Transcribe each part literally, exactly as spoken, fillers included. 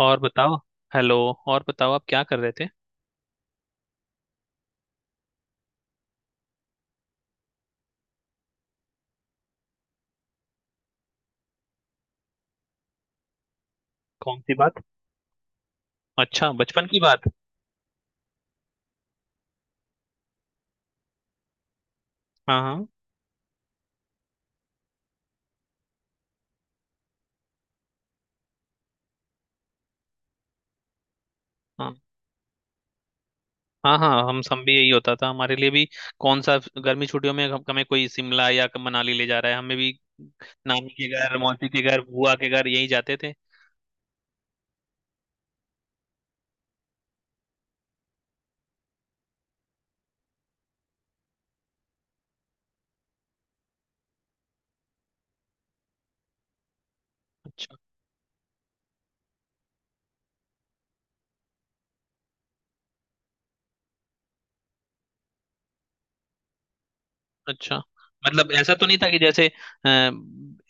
और बताओ। हेलो। और बताओ, आप क्या कर रहे थे? कौन सी बात? अच्छा, बचपन की बात। हाँ हाँ। हाँ हाँ हाँ, हम सब भी यही होता था, हमारे लिए भी। कौन सा? गर्मी छुट्टियों में हम- हमें कोई शिमला या मनाली ले जा रहा है, हमें भी। नानी के घर, मौसी के घर, बुआ के घर, यही जाते थे। अच्छा अच्छा। मतलब ऐसा तो नहीं था कि जैसे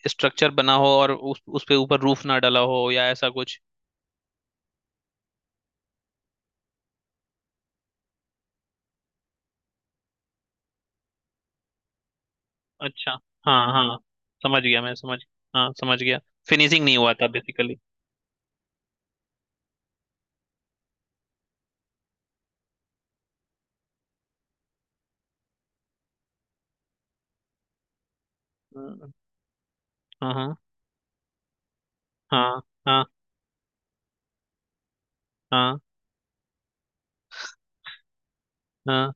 स्ट्रक्चर बना हो और उस उस पे ऊपर रूफ ना डला हो या ऐसा कुछ। अच्छा। हाँ हाँ। समझ गया, मैं समझ। हाँ, समझ गया। फिनिशिंग नहीं हुआ था बेसिकली। हाँ हाँ हाँ हाँ हाँ। हाँ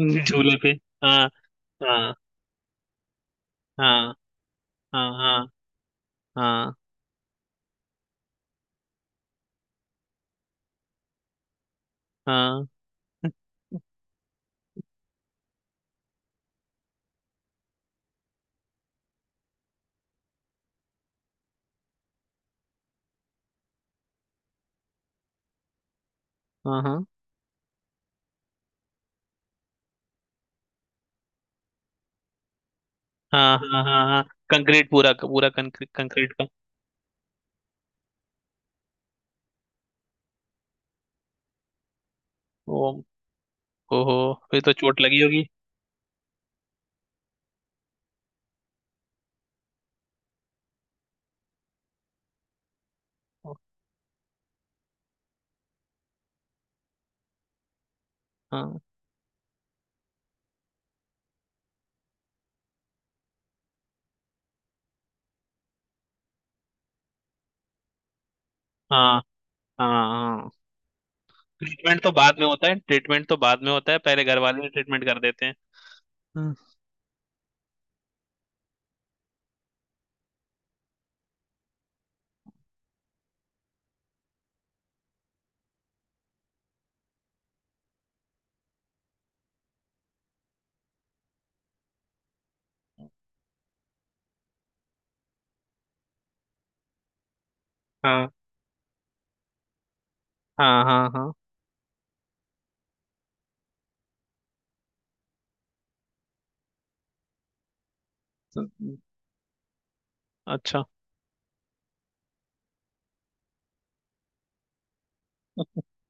हम्म, झूले पे। हाँ हाँ हाँ हाँ हाँ हाँ हाँ हाँ हाँ हाँ हाँ हाँ हाँ। कंक्रीट, पूरा पूरा कंक्रीट, कंक्रीट का। ओ। ओहो। फिर तो चोट लगी होगी। हाँ हाँ हाँ हाँ। ट्रीटमेंट तो बाद में होता है, ट्रीटमेंट तो बाद में होता है, पहले घर वाले ट्रीटमेंट कर देते हैं। हम्म। हाँ हाँ हाँ हाँ। अच्छा।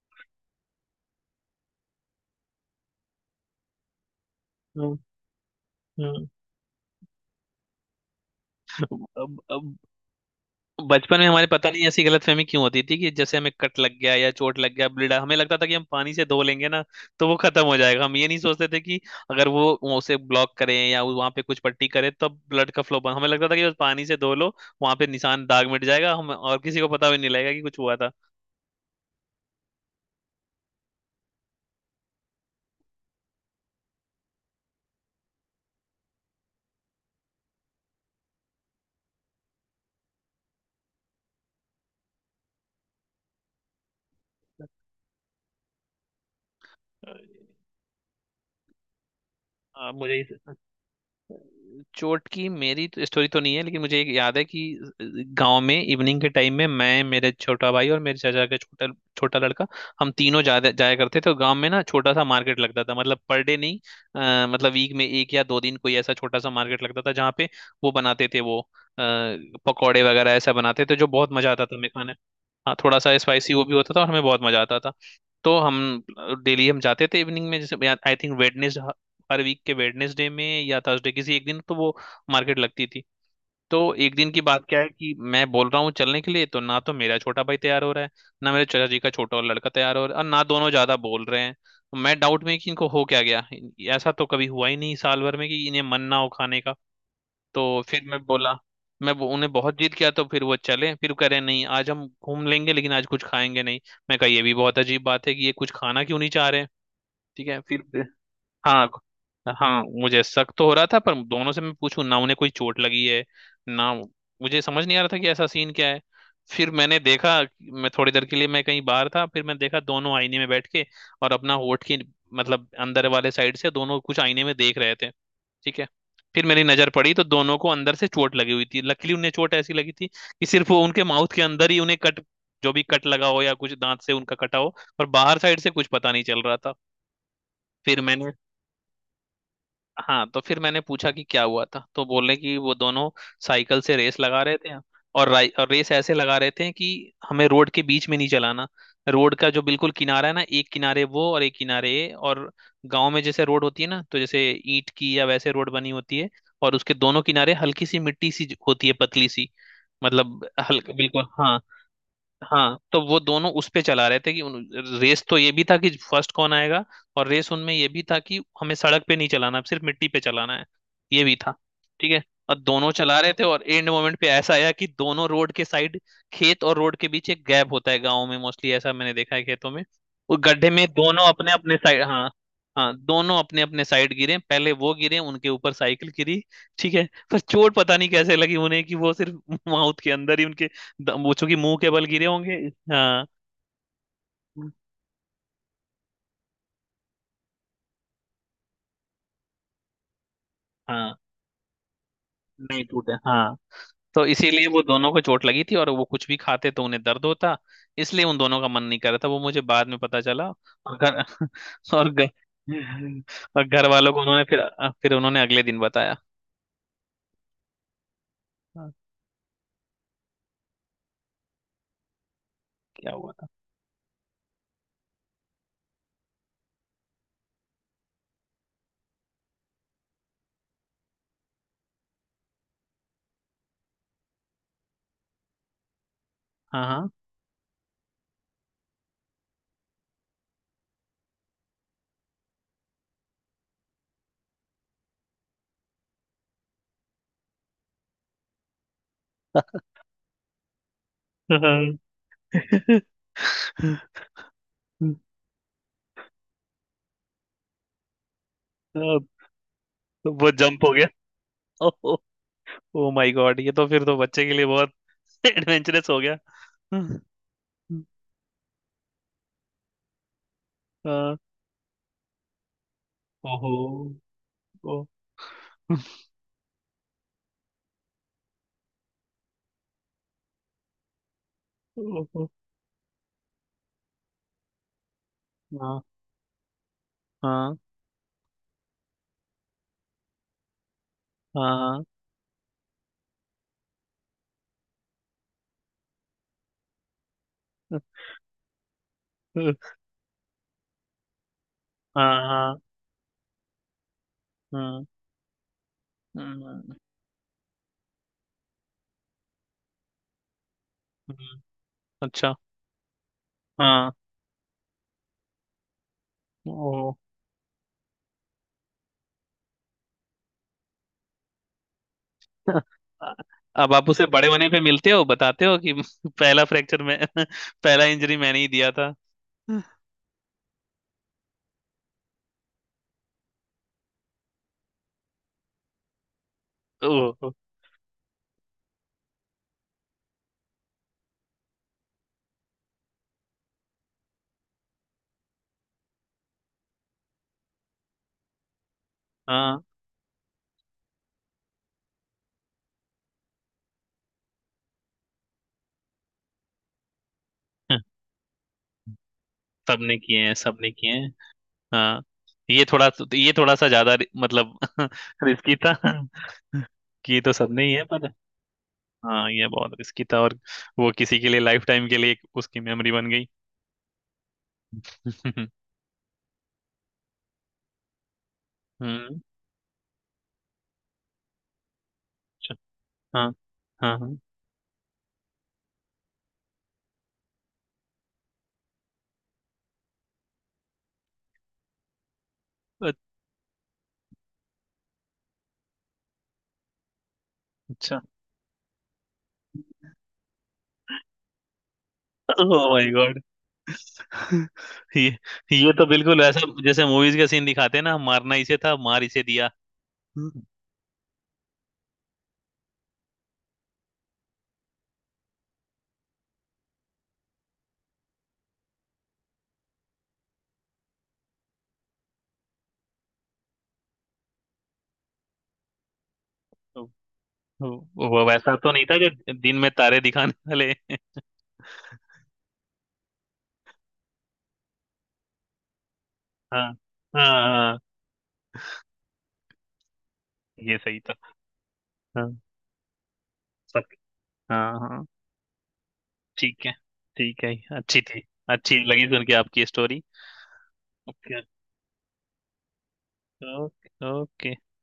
हम्म। हम्म। बचपन में हमारे पता नहीं ऐसी गलतफहमी क्यों होती थी कि जैसे हमें कट लग गया या चोट लग गया, ब्लीड, हमें लगता था कि हम पानी से धो लेंगे ना, तो वो खत्म हो जाएगा। हम ये नहीं सोचते थे कि अगर वो वो उसे ब्लॉक करें या वहां पे कुछ पट्टी करें तब तो ब्लड का फ्लो बंद। हमें लगता था कि बस पानी से धो लो, वहां पे निशान दाग मिट जाएगा, हम और किसी को पता भी नहीं लगेगा कि कुछ हुआ था। अ, मुझे चोट की मेरी तो स्टोरी तो नहीं है, लेकिन मुझे एक याद है कि गांव में इवनिंग के टाइम में मैं, मेरे छोटा भाई और मेरे चाचा का छोटा छोटा लड़का, हम तीनों जाया जाया करते थे। तो गांव में ना छोटा सा मार्केट लगता था, मतलब पर डे नहीं। अ, मतलब वीक में एक या दो दिन कोई ऐसा छोटा सा मार्केट लगता था जहाँ पे वो बनाते थे, वो अ, पकौड़े वगैरह ऐसा बनाते थे, जो बहुत मजा आता था हमें खाने। हाँ, थोड़ा सा स्पाइसी वो भी होता था और हमें बहुत मजा आता था। तो हम डेली हम जाते थे इवनिंग में, जैसे आई थिंक वेडनेस हर वीक के वेडनेसडे में या थर्सडे, किसी एक दिन तो वो मार्केट लगती थी। तो एक दिन की बात क्या है कि मैं बोल रहा हूँ चलने के लिए, तो ना तो मेरा छोटा भाई तैयार हो रहा है, ना मेरे चाचा जी का छोटा और लड़का तैयार हो रहा है, और ना दोनों ज्यादा बोल रहे हैं। तो मैं डाउट में कि इनको हो क्या गया, इन- ऐसा तो कभी हुआ ही नहीं साल भर में कि इन्हें मन ना हो खाने का। तो फिर मैं बोला, मैं वो- उन्हें बहुत जिद किया, तो फिर वो चले, फिर वो कह रहे नहीं आज हम घूम लेंगे लेकिन आज कुछ खाएंगे नहीं। मैं कहा ये भी बहुत अजीब बात है कि ये कुछ खाना क्यों नहीं चाह रहे हैं। ठीक है, फिर। हाँ हाँ। मुझे शक तो हो रहा था, पर दोनों से मैं पूछूं ना, उन्हें कोई चोट लगी है, ना। मुझे समझ नहीं आ रहा था कि ऐसा सीन क्या है। फिर मैंने देखा, मैं थोड़ी देर के लिए मैं कहीं बाहर था, फिर मैं देखा दोनों आईने में बैठ के, और अपना होठ की, मतलब अंदर वाले साइड से, दोनों कुछ आईने में देख रहे थे। ठीक है। फिर मेरी नजर पड़ी तो दोनों को अंदर से चोट लगी हुई थी। लकीली उन्हें चोट ऐसी लगी थी कि सिर्फ वो उनके माउथ के अंदर ही उन्हें कट, जो भी कट लगा हो या कुछ दांत से उनका कटा हो, और बाहर साइड से कुछ पता नहीं चल रहा था। फिर मैंने, हाँ, तो फिर मैंने पूछा कि क्या हुआ था, तो बोले कि वो दोनों साइकिल से रेस लगा रहे थे। और राइ- और रेस ऐसे लगा रहे थे कि हमें रोड के बीच में नहीं चलाना, रोड का जो बिल्कुल किनारा है ना, एक किनारे वो और एक किनारे ये। और गांव में जैसे रोड होती है ना, तो जैसे ईंट की या वैसे रोड बनी होती है, और उसके दोनों किनारे हल्की सी मिट्टी सी होती है, पतली सी। मतलब हल्का, बिल्कुल, हाँ। हाँ, तो वो दोनों उस पे चला रहे थे कि उन, रेस तो ये भी था कि फर्स्ट कौन आएगा, और रेस उनमें ये भी था कि हमें सड़क पे नहीं चलाना, सिर्फ मिट्टी पे चलाना है, ये भी था। ठीक है। और दोनों चला रहे थे, और एंड मोमेंट पे ऐसा आया कि दोनों रोड के साइड, खेत और रोड के बीच एक गैप होता है गाँव में मोस्टली, ऐसा मैंने देखा है खेतों में, वो गड्ढे में दोनों अपने अपने साइड, हाँ। हाँ, दोनों अपने अपने साइड गिरे, पहले वो गिरे, उनके ऊपर साइकिल गिरी। ठीक है। पर चोट पता नहीं कैसे लगी उन्हें कि वो सिर्फ माउथ के अंदर ही उनके, द- वो चूंकि मुंह के बल गिरे होंगे। हाँ हाँ, नहीं टूटे, हाँ। तो इसीलिए वो दोनों को चोट लगी थी, और वो कुछ भी खाते तो उन्हें दर्द होता, इसलिए उन दोनों का मन नहीं कर रहा था, वो मुझे बाद में पता चला। और घर और घर, और घर वालों को उन्होंने, फिर फिर उन्होंने अगले दिन बताया। हाँ। क्या हुआ था? हाँ हाँ तो वो जंप हो गया। ओह। ओ माय गॉड, ये तो फिर तो बच्चे के लिए बहुत एडवेंचरस हो गया हाँ, ओहो ओहो, हाँ हाँ हाँ हाँ हाँ। हम्म, हम्म, हम्म। अच्छा, हाँ, ओ अब आप उसे बड़े होने पे मिलते हो, बताते हो कि पहला फ्रैक्चर में पहला इंजरी मैंने ही दिया था ओहो, हाँ। सबने किए हैं, सबने किए हैं। हाँ, ये थोड़ा, ये थोड़ा सा ज्यादा रि- मतलब रिस्की था कि ये तो सबने ही है, पर। हाँ, ये बहुत रिस्की था, और वो किसी के लिए लाइफ टाइम के लिए एक उसकी मेमोरी बन गई। हम्म। अच्छा, हाँ हाँ हाँ। अच्छा, ओह माय गॉड ये ये तो बिल्कुल ऐसा जैसे मूवीज का सीन दिखाते हैं ना, मारना इसे था, मार इसे दिया तो- तो वो वैसा तो नहीं था जो दिन में तारे दिखाने वाले हाँ हाँ हाँ, ये सही था। हाँ। सक। हाँ हाँ। ठीक है। ठीक है, अच्छी थी। अच्छी लगी सुन के आपकी स्टोरी। Okay okay okay.